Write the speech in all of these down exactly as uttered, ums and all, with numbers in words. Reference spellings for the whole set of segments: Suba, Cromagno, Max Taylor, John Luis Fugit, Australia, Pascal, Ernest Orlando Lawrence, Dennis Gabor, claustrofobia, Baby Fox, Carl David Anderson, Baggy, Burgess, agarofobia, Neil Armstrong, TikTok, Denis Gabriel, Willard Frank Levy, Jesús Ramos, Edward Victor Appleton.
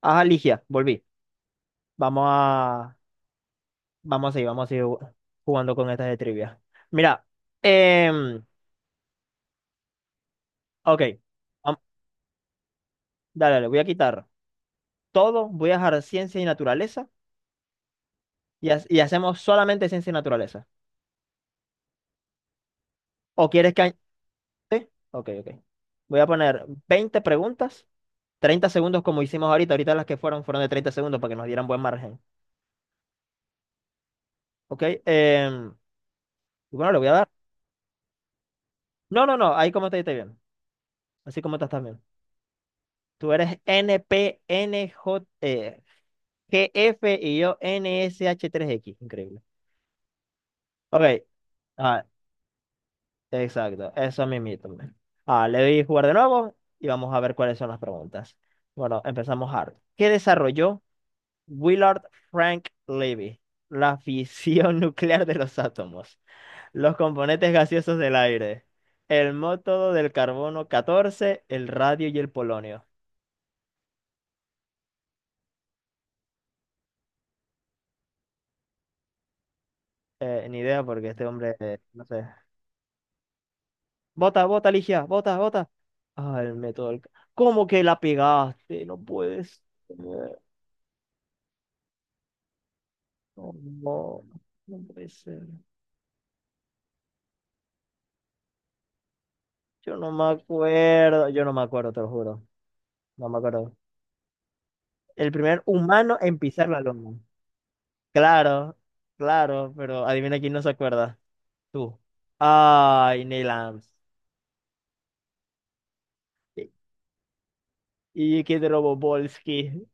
Ajá, Ligia, volví. Vamos a, vamos a seguir, vamos a seguir jugando con estas de trivia. Mira, em, ok, Vam- dale, le voy a quitar todo, voy a dejar ciencia y naturaleza y, ha- y hacemos solamente ciencia y naturaleza. ¿O quieres que... añ- sí? Ok, ok. Voy a poner veinte preguntas, treinta segundos como hicimos ahorita, ahorita las que fueron fueron de treinta segundos para que nos dieran buen margen. Ok, em, y bueno, le voy a dar... No, no, no, ahí como te esté bien, así como estás también. Tú eres N N P N J. E. G F y yo N S H tres x increíble. Ok. Ah, exacto. Eso mismito, man. Ah, le doy jugar de nuevo y vamos a ver cuáles son las preguntas. Bueno, empezamos hard. ¿Qué desarrolló Willard Frank Levy? La fisión nuclear de los átomos. Los componentes gaseosos del aire. El método del carbono catorce, el radio y el polonio. Eh, ni idea porque este hombre, eh, no sé. Bota, bota, Ligia, bota, bota. Ah, el método del ca- ¿Cómo que la pegaste? No puedes. No, no, no puede ser. Yo no me acuerdo. Yo no me acuerdo, te lo juro. No me acuerdo. El primer humano en pisar la luna. Claro, claro, pero adivina quién no se acuerda. Tú. Ay, Neil Armstrong. Y que de Robobolski.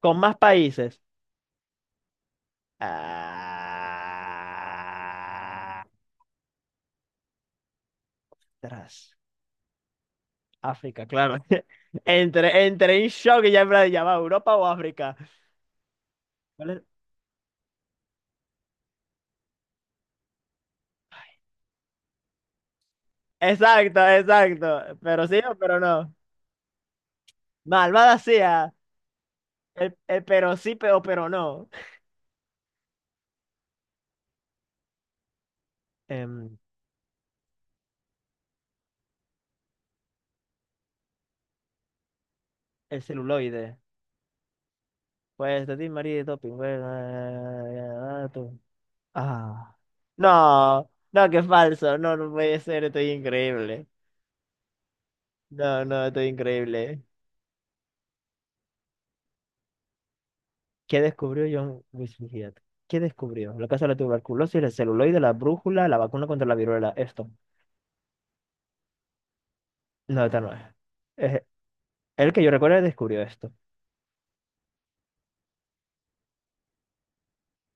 Con más países. Ah, atrás. África, claro. Entré, entré en shock y ya en plan de llamar Europa o África. ¿Cuál es? Exacto, exacto. Pero sí o pero no. Malvada sea. El, el pero sí, pero, pero no. Em, el celuloide. Pues de ti, María y Doping. Bueno, eh, tú. Ah. No, no, qué falso. No, no puede ser. Estoy increíble. No, no, estoy increíble. ¿Qué descubrió John Luis Fugit? ¿Qué descubrió? La causa de la tuberculosis, el celuloide, la brújula, la vacuna contra la viruela. Esto. No, esta no es. Es- el que yo recuerdo descubrió esto.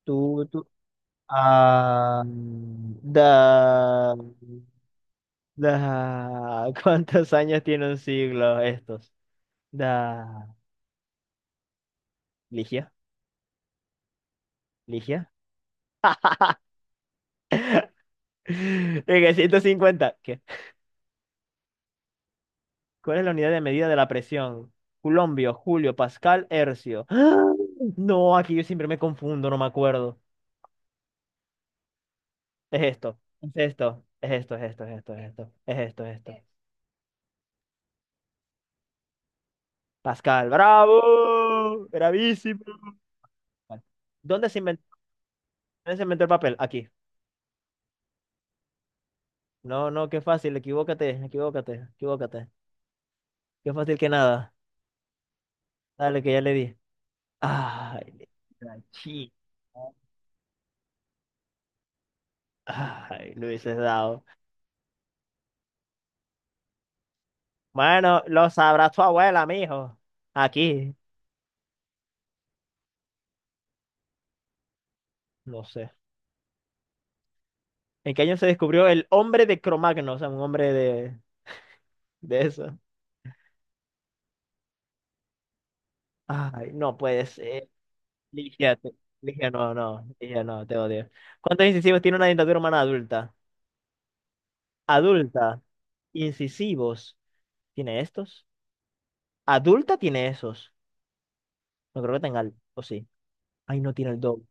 Tú, tú. Ah, da, da. ¿Cuántos años tiene un siglo estos? Da. Ligia, Ligia. En el ciento cincuenta. ¿Qué? ¿Cuál es la unidad de medida de la presión? Culombio, Julio, Pascal, Hercio. ¡Ah! No, aquí yo siempre me confundo, no me acuerdo. Es esto, es esto, es esto, es esto, es esto, es esto, es esto, es esto. Pascal, bravo, bravísimo. Vale. ¿Dónde se inventó, dónde se inventó el papel? Aquí. No, no, qué fácil, equivócate, equivócate, equivócate. Qué fácil que nada. Dale, que ya le di. Ay, la chica. Ay, lo hubieses dado. Bueno, lo sabrá tu abuela, mijo. Aquí, no sé. ¿En qué año se descubrió el hombre de Cromagno? O sea, un hombre de, de eso. Ay, no puedes. Ligia, te- Ligia, no, no, Ligia, no, te odio. ¿Cuántos incisivos tiene una dentadura humana adulta? Adulta, incisivos, ¿tiene estos? Adulta tiene esos. No creo que tenga, el- o sí. Ay, no tiene el doble.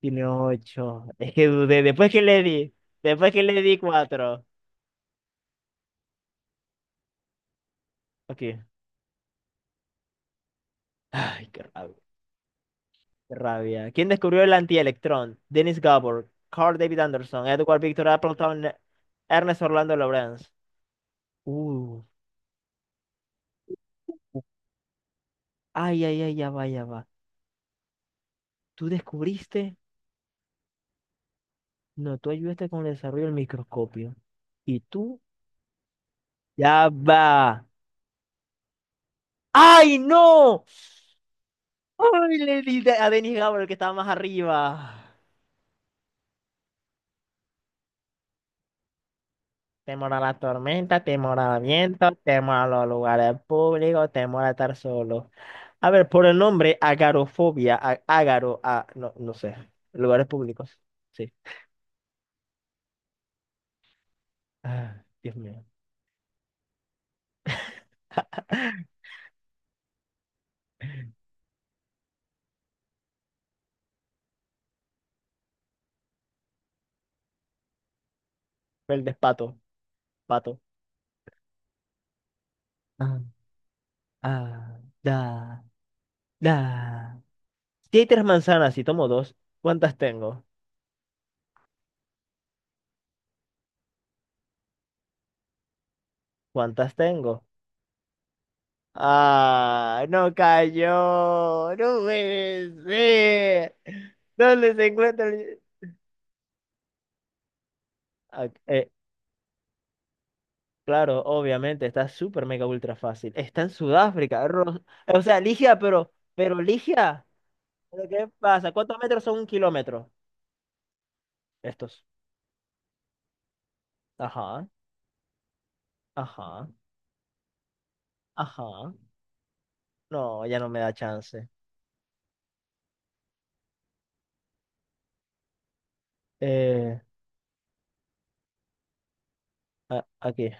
Tiene ocho. Es que dudé, después que le di, después que le di cuatro. Ok. Ay, qué rabia, qué rabia. ¿Quién descubrió el antielectrón? Dennis Gabor, Carl David Anderson, Edward Victor Appleton, Ernest Orlando Lawrence. Uh, ay, ay, ay, ya va, ya va. ¿Tú descubriste? No, tú ayudaste con el desarrollo del microscopio. Y tú, ya va. ¡Ay, no! ¡Ay, le di de- a Denis Gabriel que estaba más arriba! Temor a la tormenta, temor al viento, temor a los lugares públicos, temor a estar solo. A ver, por el nombre, agarofobia, a- ágaro, a, no, no sé, lugares públicos. Sí. Ah, Dios mío. El despato, pato. Ah, ah, da, da. Si hay tres manzanas y tomo dos, ¿cuántas tengo? ¿Cuántas tengo? Ah, no cayó. No puede ser. ¿Dónde se encuentra el... Ah, eh, claro, obviamente, está súper mega ultra fácil. Está en Sudáfrica. Ro- O sea, Ligia, pero, pero Ligia, ¿pero qué pasa? ¿Cuántos metros son un kilómetro? Estos. Ajá, ajá, ajá. No, ya no me da chance. Eh, a- aquí,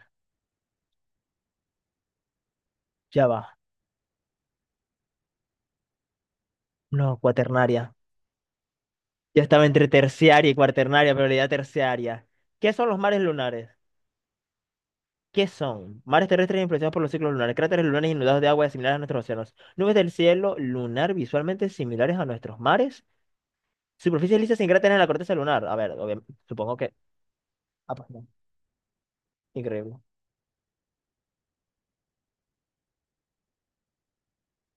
ya va. No, cuaternaria. Ya estaba entre terciaria y cuaternaria, pero la idea terciaria. ¿Qué son los mares lunares? ¿Qué son? Mares terrestres influenciados por los ciclos lunares, cráteres lunares inundados de agua similares a nuestros océanos, nubes del cielo lunar visualmente similares a nuestros mares, superficies lisas sin cráteres en la corteza lunar. A ver, obvia- supongo que... Ah, pues no. Increíble.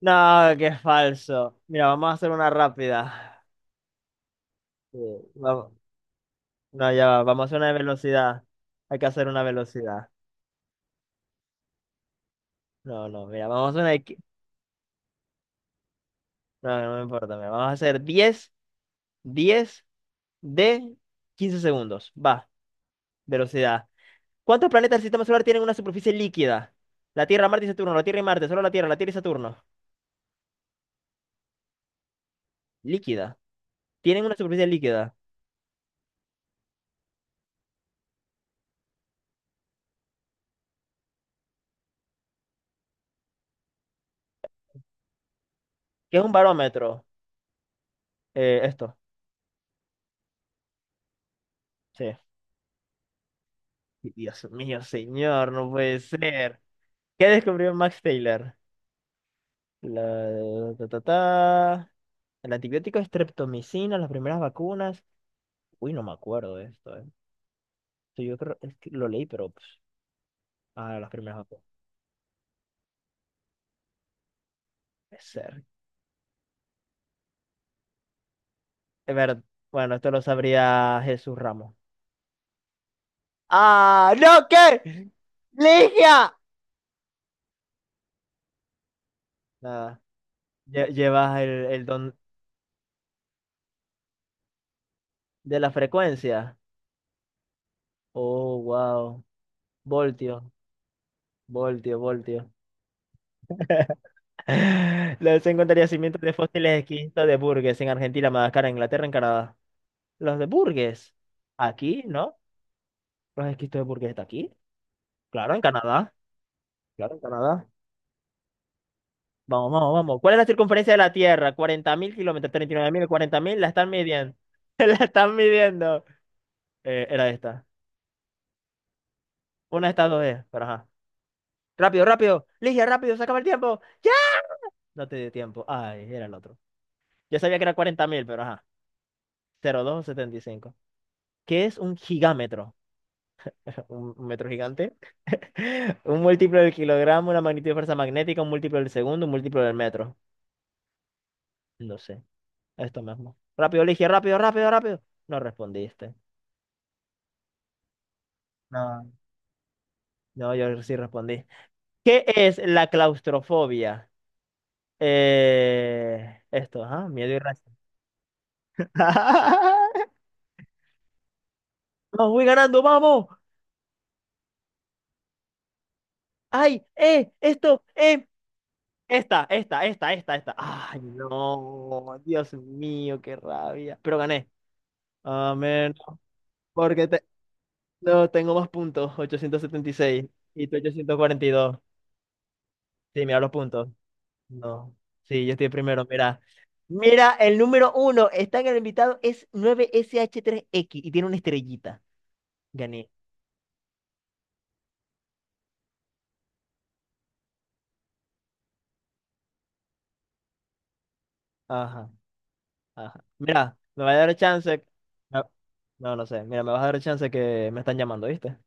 No, qué falso. Mira, vamos a hacer una rápida. Eh, vamos. No, ya va, vamos a hacer una de velocidad. Hay que hacer una velocidad. No, no, mira, vamos a hacer una... de qui- No, no me importa, mira, vamos a hacer diez diez de quince segundos. Va, velocidad. ¿Cuántos planetas del sistema solar tienen una superficie líquida? La Tierra, Marte y Saturno, la Tierra y Marte, solo la Tierra, la Tierra y Saturno. Líquida. Tienen una superficie líquida. ¿Qué es un barómetro? Eh, esto, sí. Dios mío, señor, no puede ser. ¿Qué descubrió Max Taylor? La... ta, ta, ta. El antibiótico estreptomicina, las primeras vacunas. Uy, no me acuerdo de esto, eh. Sí, yo creo es que lo leí, pero pues, ah, las primeras vacunas. Puede ser. Es ver- Bueno, esto lo sabría Jesús Ramos. ¡Ah! ¡No, qué! ¡Ligia! Nada. Lle- Llevas el, el don de la frecuencia. Oh, wow. Voltio, voltio, voltio. Los encontraría yacimientos de fósiles exquisitos de Burgess en Argentina, Madagascar, Inglaterra, en Canadá. Los de Burgess. Aquí, ¿no? Los esquistos de Burgess está aquí. Claro, en Canadá. Claro, en Canadá. Vamos, vamos, vamos. ¿Cuál es la circunferencia de la Tierra? Cuarenta mil kilómetros, treinta y nueve mil, cuarenta mil. La están midiendo. La están midiendo. Eh, era esta. Una de estas dos es, pero ajá. Rápido, rápido. Ligia, rápido, sácame el tiempo. ¡Ya! No te dio tiempo. Ay, era el otro. Yo sabía que era cuarenta mil, pero ajá. Cero coma doscientos setenta y cinco. ¿Qué es un gigámetro? ¿Un un metro gigante? Un múltiplo del kilogramo, una magnitud de fuerza magnética, un múltiplo del segundo, un múltiplo del metro. No sé. Esto mismo. Rápido, Ligia, rápido, rápido, rápido. No respondiste. No. No, yo sí respondí. ¿Qué es la claustrofobia? Eh, esto, ajá, miedo irracional. Vamos, voy ganando, vamos. Ay, eh, esto, eh, esta, esta, esta, esta, esta. Ay, no, Dios mío, qué rabia. Pero gané. Amén. Porque te- no, tengo más puntos, ochocientos setenta y seis y tú ochocientos cuarenta y dos. Sí, mira los puntos. No. Sí, yo estoy primero. Mira. Mira, el número uno está en el invitado, es nueve sh tres x y tiene una estrellita. Gané. Ajá, ajá. Mira, me va a dar chance. No, no no sé. Mira, me vas a dar chance que me están llamando, ¿viste?